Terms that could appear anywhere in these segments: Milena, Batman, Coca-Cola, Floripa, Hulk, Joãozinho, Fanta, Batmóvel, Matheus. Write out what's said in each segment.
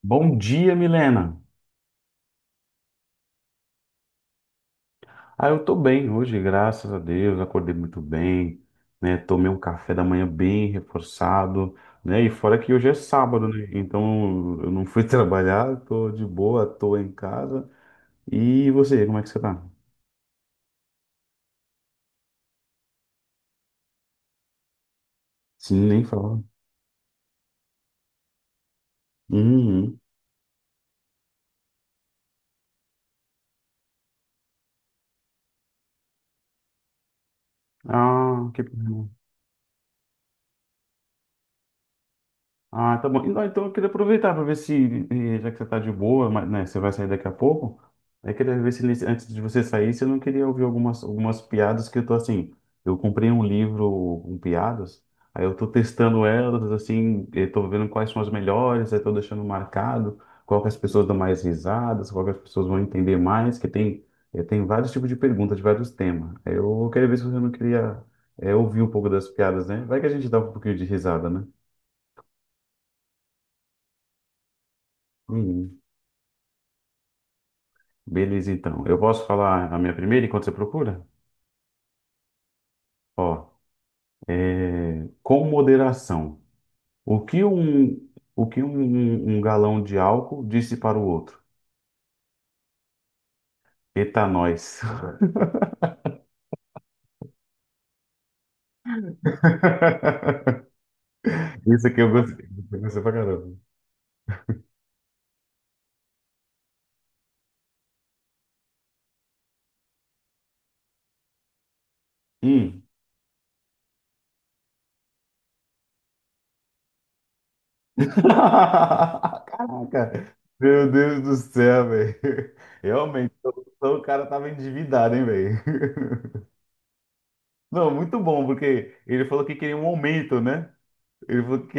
Bom dia, Milena. Ah, eu tô bem hoje, graças a Deus. Acordei muito bem, né? Tomei um café da manhã bem reforçado, né? E fora que hoje é sábado, né? Então eu não fui trabalhar, tô de boa, tô em casa. E você, como é que você tá? Sim, nem fala. Uhum. Ah, que pena. Ah, tá bom. Então eu queria aproveitar para ver se, já que você tá de boa, mas, né, você vai sair daqui a pouco, eu queria ver se antes de você sair, você não queria ouvir algumas piadas que eu tô assim. Eu comprei um livro com piadas, aí eu tô testando elas, assim, eu tô vendo quais são as melhores, aí tô deixando marcado qual que as pessoas dão mais risadas, qual que as pessoas vão entender mais, que tem, tem vários tipos de perguntas, de vários temas. Aí eu queria ver se você não queria, ouvir um pouco das piadas, né? Vai que a gente dá um pouquinho de risada, né? Uhum. Beleza, então. Eu posso falar a minha primeira enquanto você procura? Ó, é, com moderação. O que um, o que um galão de álcool disse para o outro? Eita, nós. Isso aqui eu gostei. Eu gostei pra caramba. Hum. Caraca. Meu Deus do céu, velho. Realmente, o cara tava endividado, hein, velho. Não, muito bom, porque ele falou que queria um aumento, né? Ele falou que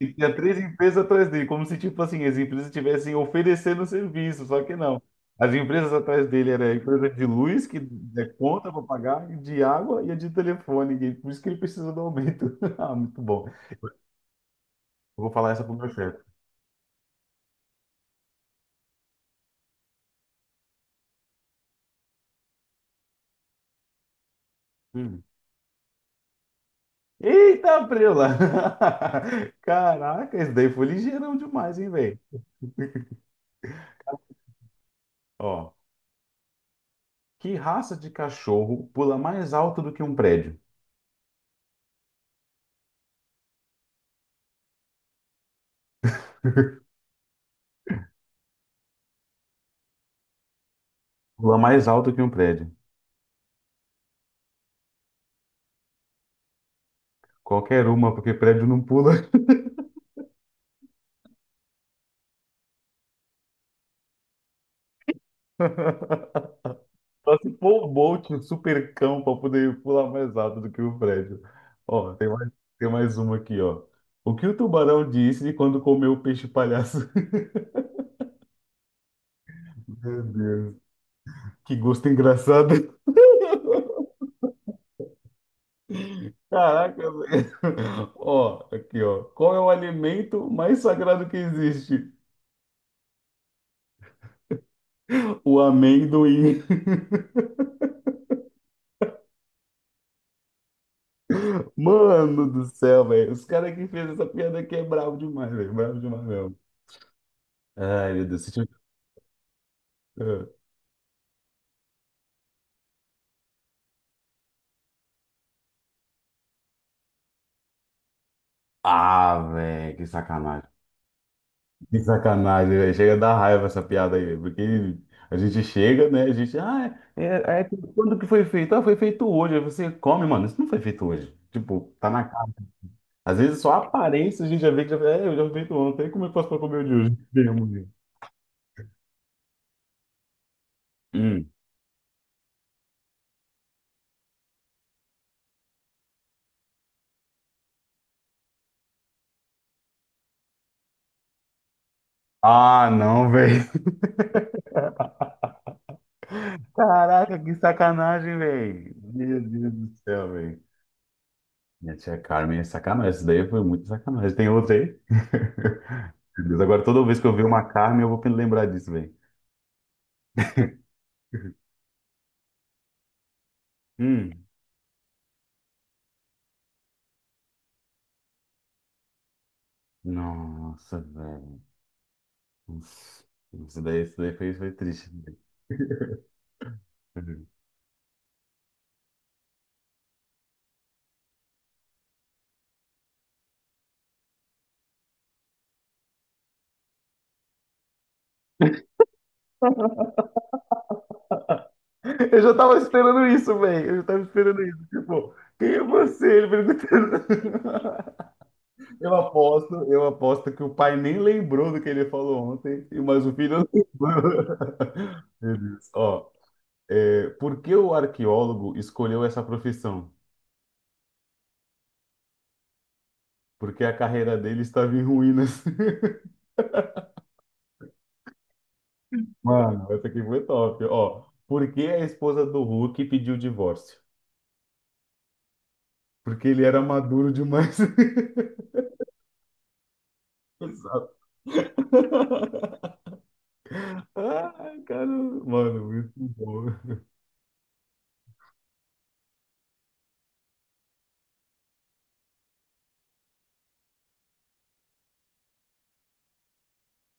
e tinha três empresas atrás dele, como se, tipo assim, as empresas estivessem oferecendo serviço, só que não. As empresas atrás dele era a empresa de luz, que é conta para pagar, e de água e a de telefone, e por isso que ele precisa do aumento. Ah, muito bom. Eu vou falar essa pro meu chefe. Hum. Eita, Prela! Caraca, esse daí foi ligeirão demais, hein, velho? Ó, que raça de cachorro pula mais alto do que um prédio? Pula mais alto que um prédio. Qualquer uma, porque prédio não pula. Só se for o Bolt, um super cão, para poder pular mais alto do que o Fred. Ó, tem mais uma aqui, ó. O que o tubarão disse de quando comeu o peixe palhaço? Meu Deus, que gosto engraçado. Caraca, velho. Ó, aqui, ó. Qual é o alimento mais sagrado que existe? O amendoim. Mano do céu, velho. Os caras que fez essa piada aqui é bravo demais, velho. Bravo demais mesmo. Ai, meu Deus. Você Ah, ah, velho, que sacanagem. Que sacanagem, velho. Chega a dar raiva essa piada aí, velho, porque a gente chega, né? A gente, ah, é, é- é, quando que foi feito? Ah, foi feito hoje. Aí você come, mano, isso não foi feito hoje. Tipo, tá na cara. Às vezes só a aparência a gente já vê que já, é, eu já fui feito ontem, como eu faço pra comer o de hoje? Mesmo, velho. Hum. Ah, não, velho. Caraca, que sacanagem, velho. Meu Deus do céu, velho. Minha tia Carmen é sacanagem. Isso daí foi muito sacanagem. Tem outra aí? Meu Deus, agora toda vez que eu ver uma Carmen, eu vou lembrar disso, velho. Nossa, velho. Nossa. Isso daí foi, triste. Uhum. Eu já tava esperando isso, velho. Eu já tava esperando isso. Tipo, quem é você? Ele perguntando. Eu aposto que o pai nem lembrou do que ele falou ontem, mas o filho lembrou. Meu Deus. Ó, por que o arqueólogo escolheu essa profissão? Porque a carreira dele estava em ruínas. Mano, essa aqui foi top. Ó, por que a esposa do Hulk pediu divórcio? Porque ele era maduro demais. Exato. Ai, cara, mano, muito bom.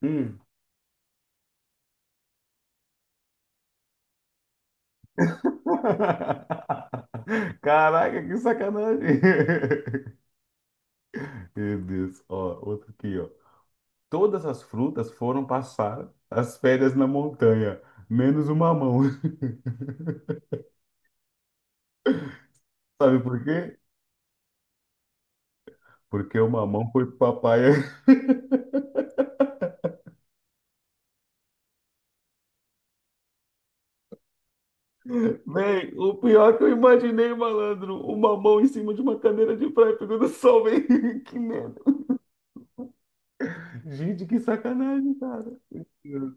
Hum. Caraca, que sacanagem. Meu Deus, ó, outro aqui, ó. Todas as frutas foram passar as férias na montanha, menos o mamão. Sabe por quê? Porque o mamão foi pro papai. Véi, o pior que eu imaginei, malandro, o mamão em cima de uma cadeira de praia pegando sol, véi. Que merda. Gente, que sacanagem, cara. Hum.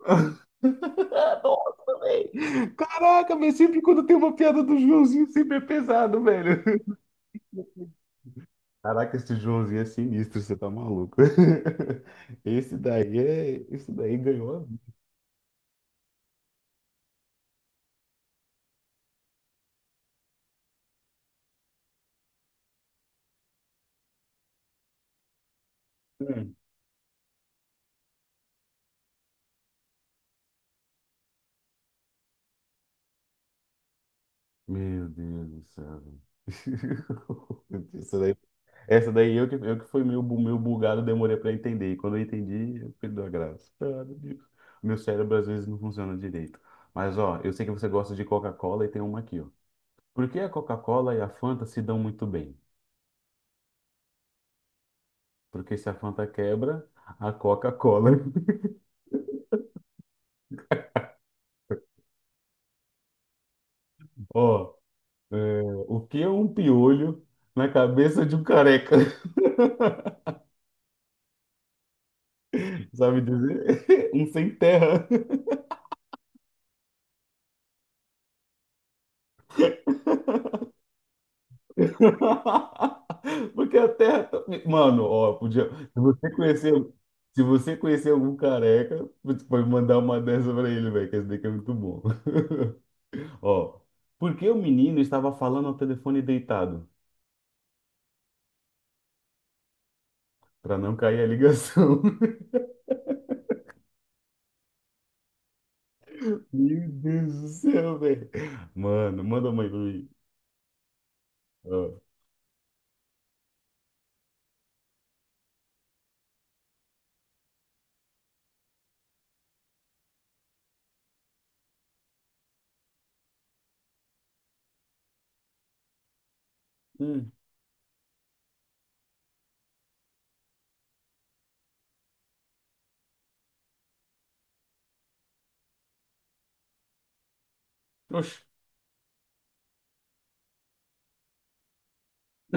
Nossa, velho. Caraca, mas sempre quando tem uma piada do Joãozinho, sempre é pesado, velho. Caraca, esse Joãozinho é sinistro, você tá maluco. Esse daí é. Esse daí ganhou a vida. Né? Meu Deus do céu. Isso daí- Essa daí eu que fui meio, meio bugado, demorei pra entender. E quando eu entendi, eu perdi a graça. Ah, meu Deus. Meu cérebro às vezes não funciona direito. Mas ó, eu sei que você gosta de Coca-Cola e tem uma aqui, ó. Por que a Coca-Cola e a Fanta se dão muito bem? Porque se a Fanta quebra, a Coca-Cola. Ó, é, o que é um piolho na cabeça de um careca? Sabe dizer? Um sem terra. Porque a terra. Mano, ó, podia. Se você conhecer algum careca, putz, pode mandar uma dessa pra ele, velho, que esse daqui é muito bom. Ó, por que o menino estava falando ao telefone deitado? Pra não cair a ligação. Meu Deus do céu, velho. Mano, manda uma aí pra mim. Ó. Hum. Oxe.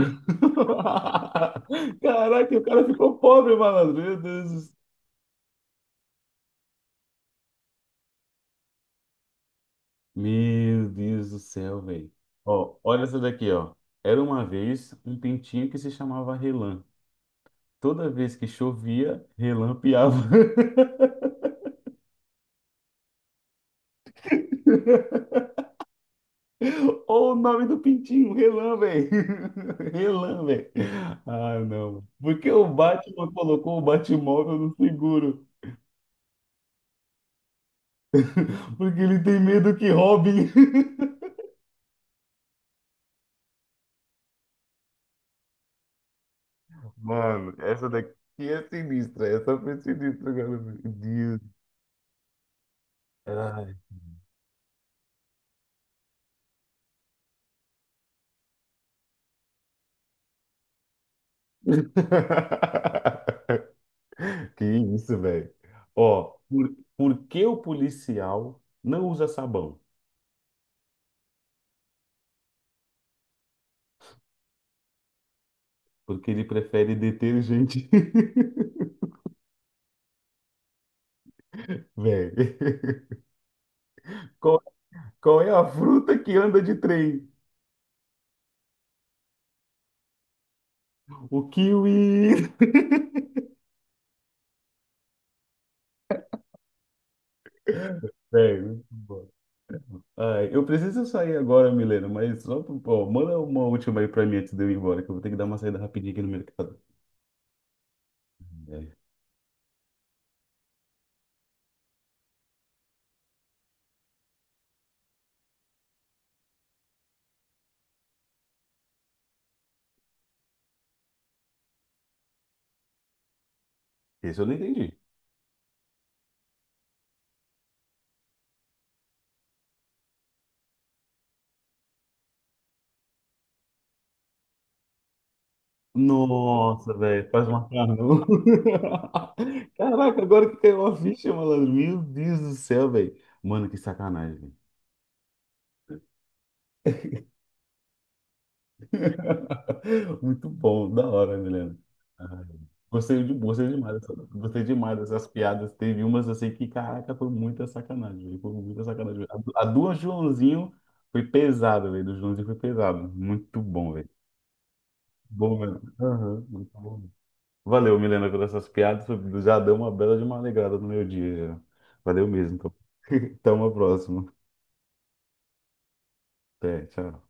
Caraca, o cara ficou pobre, malandro. Meu Deus do céu. Meu Deus do céu, velho. Ó, olha essa daqui, ó. Era uma vez um pintinho que se chamava Relan. Toda vez que chovia, Relan piava. Olha o nome do pintinho, Relan, velho. Relan, velho. Ah, não. Por que o Batman colocou o Batmóvel no seguro? Porque ele tem medo que roubem. Mano, essa daqui é sinistra. Essa foi sinistra, cara. Meu Deus. Ai. Que isso, velho. Ó, por que o policial não usa sabão? Porque ele prefere detergente. Velho, qual, qual é a fruta que anda de trem? O kiwi. Velho, ai, eu preciso sair agora, Milena, mas só, ó, manda uma última aí pra mim antes de eu ir embora, que eu vou ter que dar uma saída rapidinha aqui no mercado. É. Esse eu não entendi. Nossa, velho, faz macarrão. Caraca, agora que caiu uma ficha, malandro. Meu Deus do céu, velho. Mano, que sacanagem. Muito bom, da hora, Milena. Ai, gostei demais dessas piadas. Teve umas assim que, caraca, foi muita sacanagem, velho. Foi muita sacanagem. A do Joãozinho foi pesada, velho. Do Joãozinho foi pesado. Muito bom, velho. Bom, mesmo. Aham, muito bom. Valeu, Milena, por essas piadas. Já deu uma bela de uma alegrada no meu dia. Valeu mesmo. Então, até uma próxima. Até, tchau.